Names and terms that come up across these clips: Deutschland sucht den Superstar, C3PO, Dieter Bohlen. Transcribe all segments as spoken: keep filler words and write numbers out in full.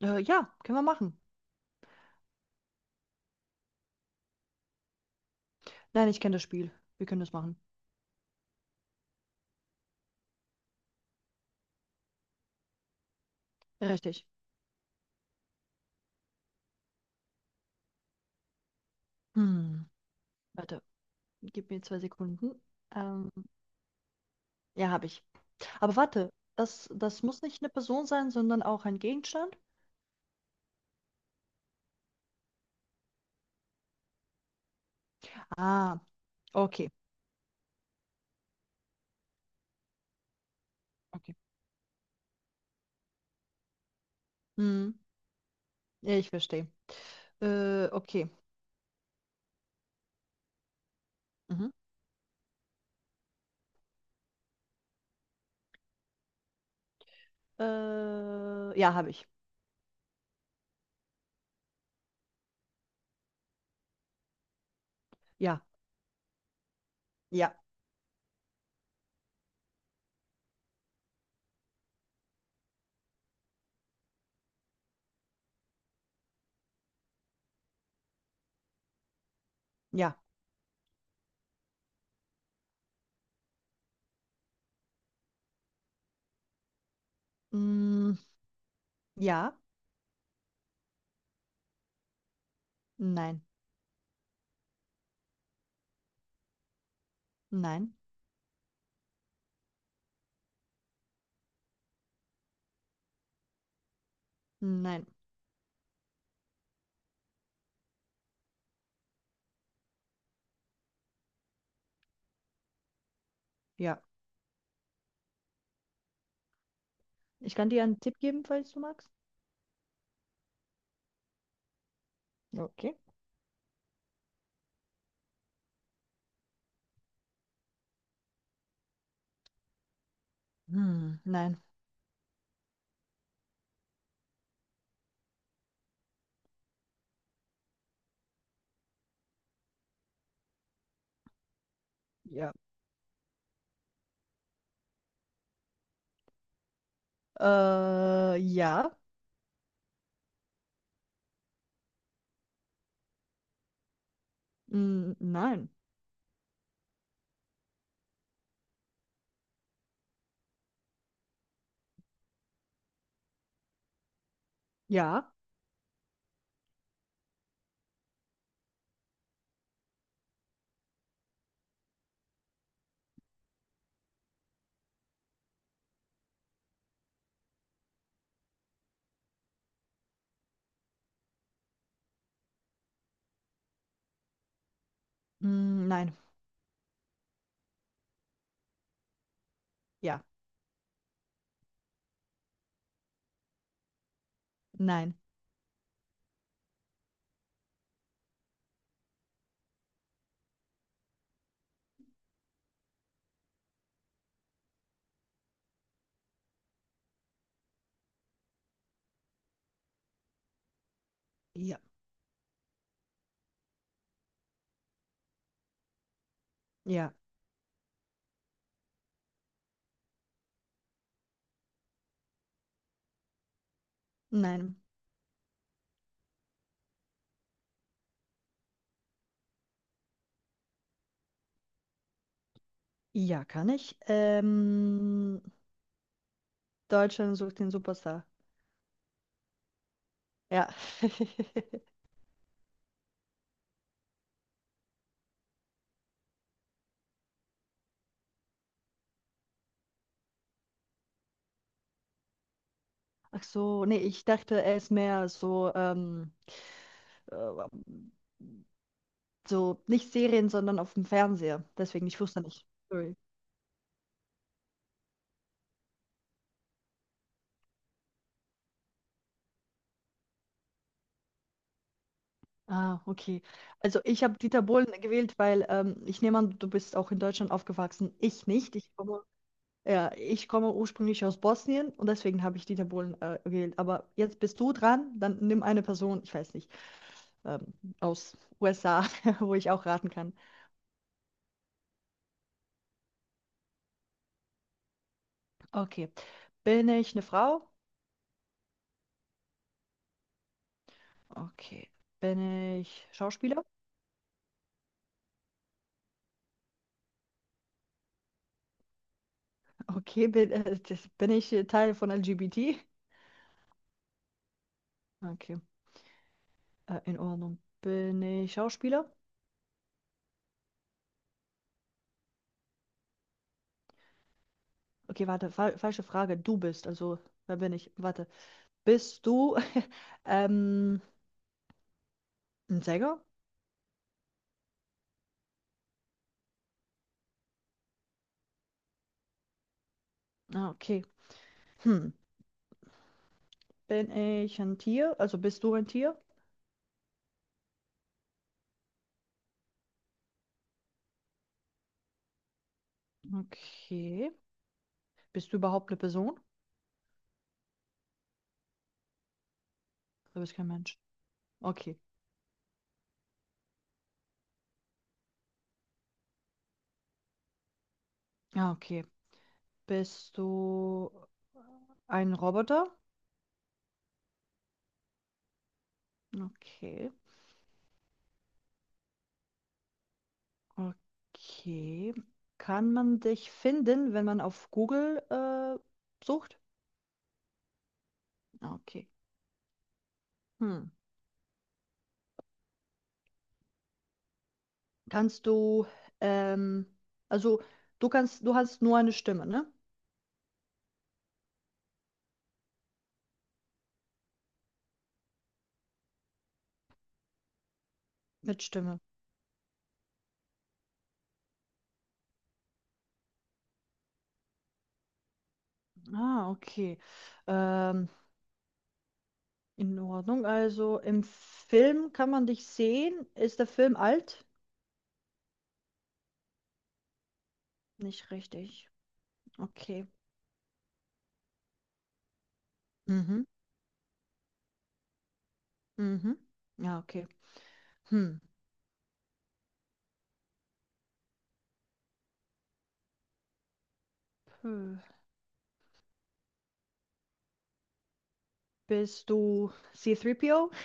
Äh, ja, können wir machen. Nein, ich kenne das Spiel. Wir können das machen. Richtig. Hm, Warte, gib mir zwei Sekunden. Ähm, ja, habe ich. Aber warte, das, das muss nicht eine Person sein, sondern auch ein Gegenstand? Ah, okay. Okay. Hm, ja, ich verstehe. Äh, okay. Mhm. Äh, ja, habe ich. Ja, ja, ja. Hm, ja, nein, nein, nein, ja. Ich kann dir einen Tipp geben, falls du magst. Okay. Hm, nein. Ja. Äh, ja. Mm, nein. Ja. Mm, nein. Ja. Nein. Ja. Ja. Nein. Ja, kann ich. Ähm, Deutschland sucht den Superstar. Ja. Ach so, nee, ich dachte, er ist mehr so, ähm, äh, so nicht Serien, sondern auf dem Fernseher. Deswegen, ich wusste nicht. Sorry. Ah, okay. Also ich habe Dieter Bohlen gewählt, weil ähm, ich nehme an, du bist auch in Deutschland aufgewachsen. Ich nicht. Ich komme. Ja, ich komme ursprünglich aus Bosnien und deswegen habe ich Dieter Bohlen äh, gewählt. Aber jetzt bist du dran, dann nimm eine Person, ich weiß nicht, ähm, aus U S A, wo ich auch raten kann. Okay. Bin ich eine Frau? Okay. Bin ich Schauspieler? Okay. Bin, äh, das, bin ich äh, Teil von L G B T? Okay. Äh, in Ordnung. Bin ich Schauspieler? Okay, warte, fa falsche Frage. Du bist, also, wer bin ich? Warte. Bist du ähm, ein Sänger? Ah, okay. Hm. Bin ich ein Tier? Also Bist du ein Tier? Okay. Bist du überhaupt eine Person? Du bist kein Mensch. Okay. Ja, okay. Bist du ein Roboter? Okay. Okay. Kann man dich finden, wenn man auf Google äh, sucht? Okay. Hm. Kannst du, ähm, also Du kannst, du hast nur eine Stimme, ne? Mit Stimme. Ah, okay. Ähm, In Ordnung. Also im Film kann man dich sehen. Ist der Film alt? Nicht richtig. Okay. Mhm. Mhm. Ja, okay. Hm. Puh. Bist du C drei P O?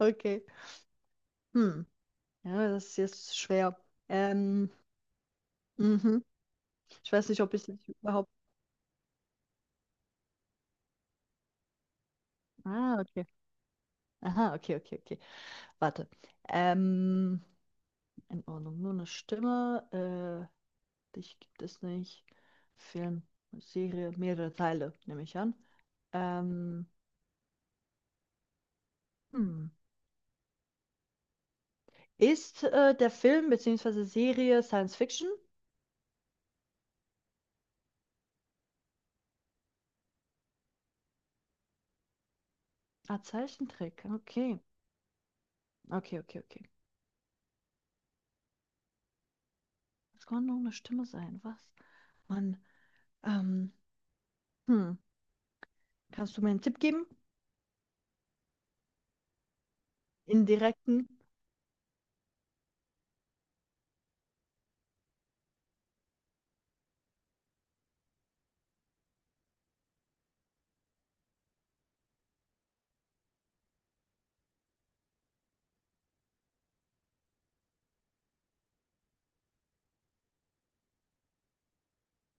Okay. Hm. Ja, das ist jetzt schwer. Ähm, mhm. Ich weiß nicht, ob ich dich überhaupt. Ah, okay. Aha, okay, okay, okay. Warte. Ähm, in Ordnung. Nur eine Stimme. Äh, Dich gibt es nicht. Film, Serie, mehrere Teile, nehme ich an. Ähm, hm. Ist äh, der Film bzw. Serie Science Fiction? Ah, Zeichentrick. Okay. Okay, okay, okay. Das kann nur eine Stimme sein. Was? Mann. Ähm, hm. Kannst du mir einen Tipp geben? Indirekten?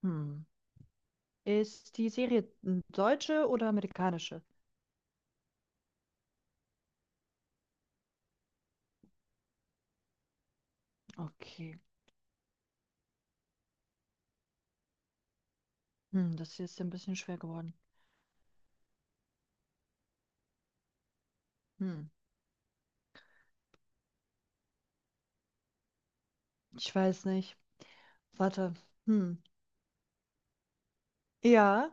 Hm. Ist die Serie n- deutsche oder amerikanische? Okay. Hm, das hier ist ja ein bisschen schwer geworden. Hm. Ich weiß nicht. Warte. Hm. Ja.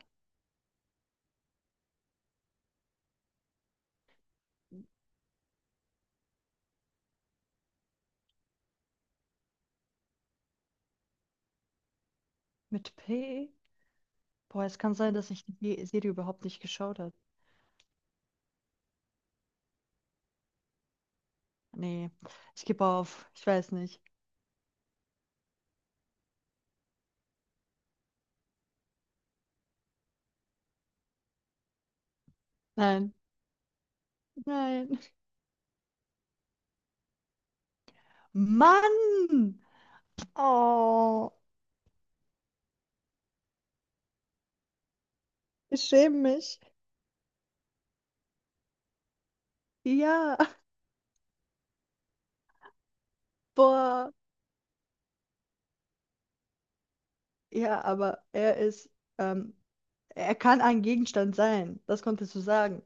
Mit P? Boah, es kann sein, dass ich die Serie überhaupt nicht geschaut habe. Nee, ich gebe auf. Ich weiß nicht. Nein, nein. Mann! Oh, ich schäme mich. Ja, boah. Ja, aber er ist, ähm, er kann ein Gegenstand sein. Das konntest du sagen,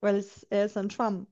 weil es, er ist ein Schwamm.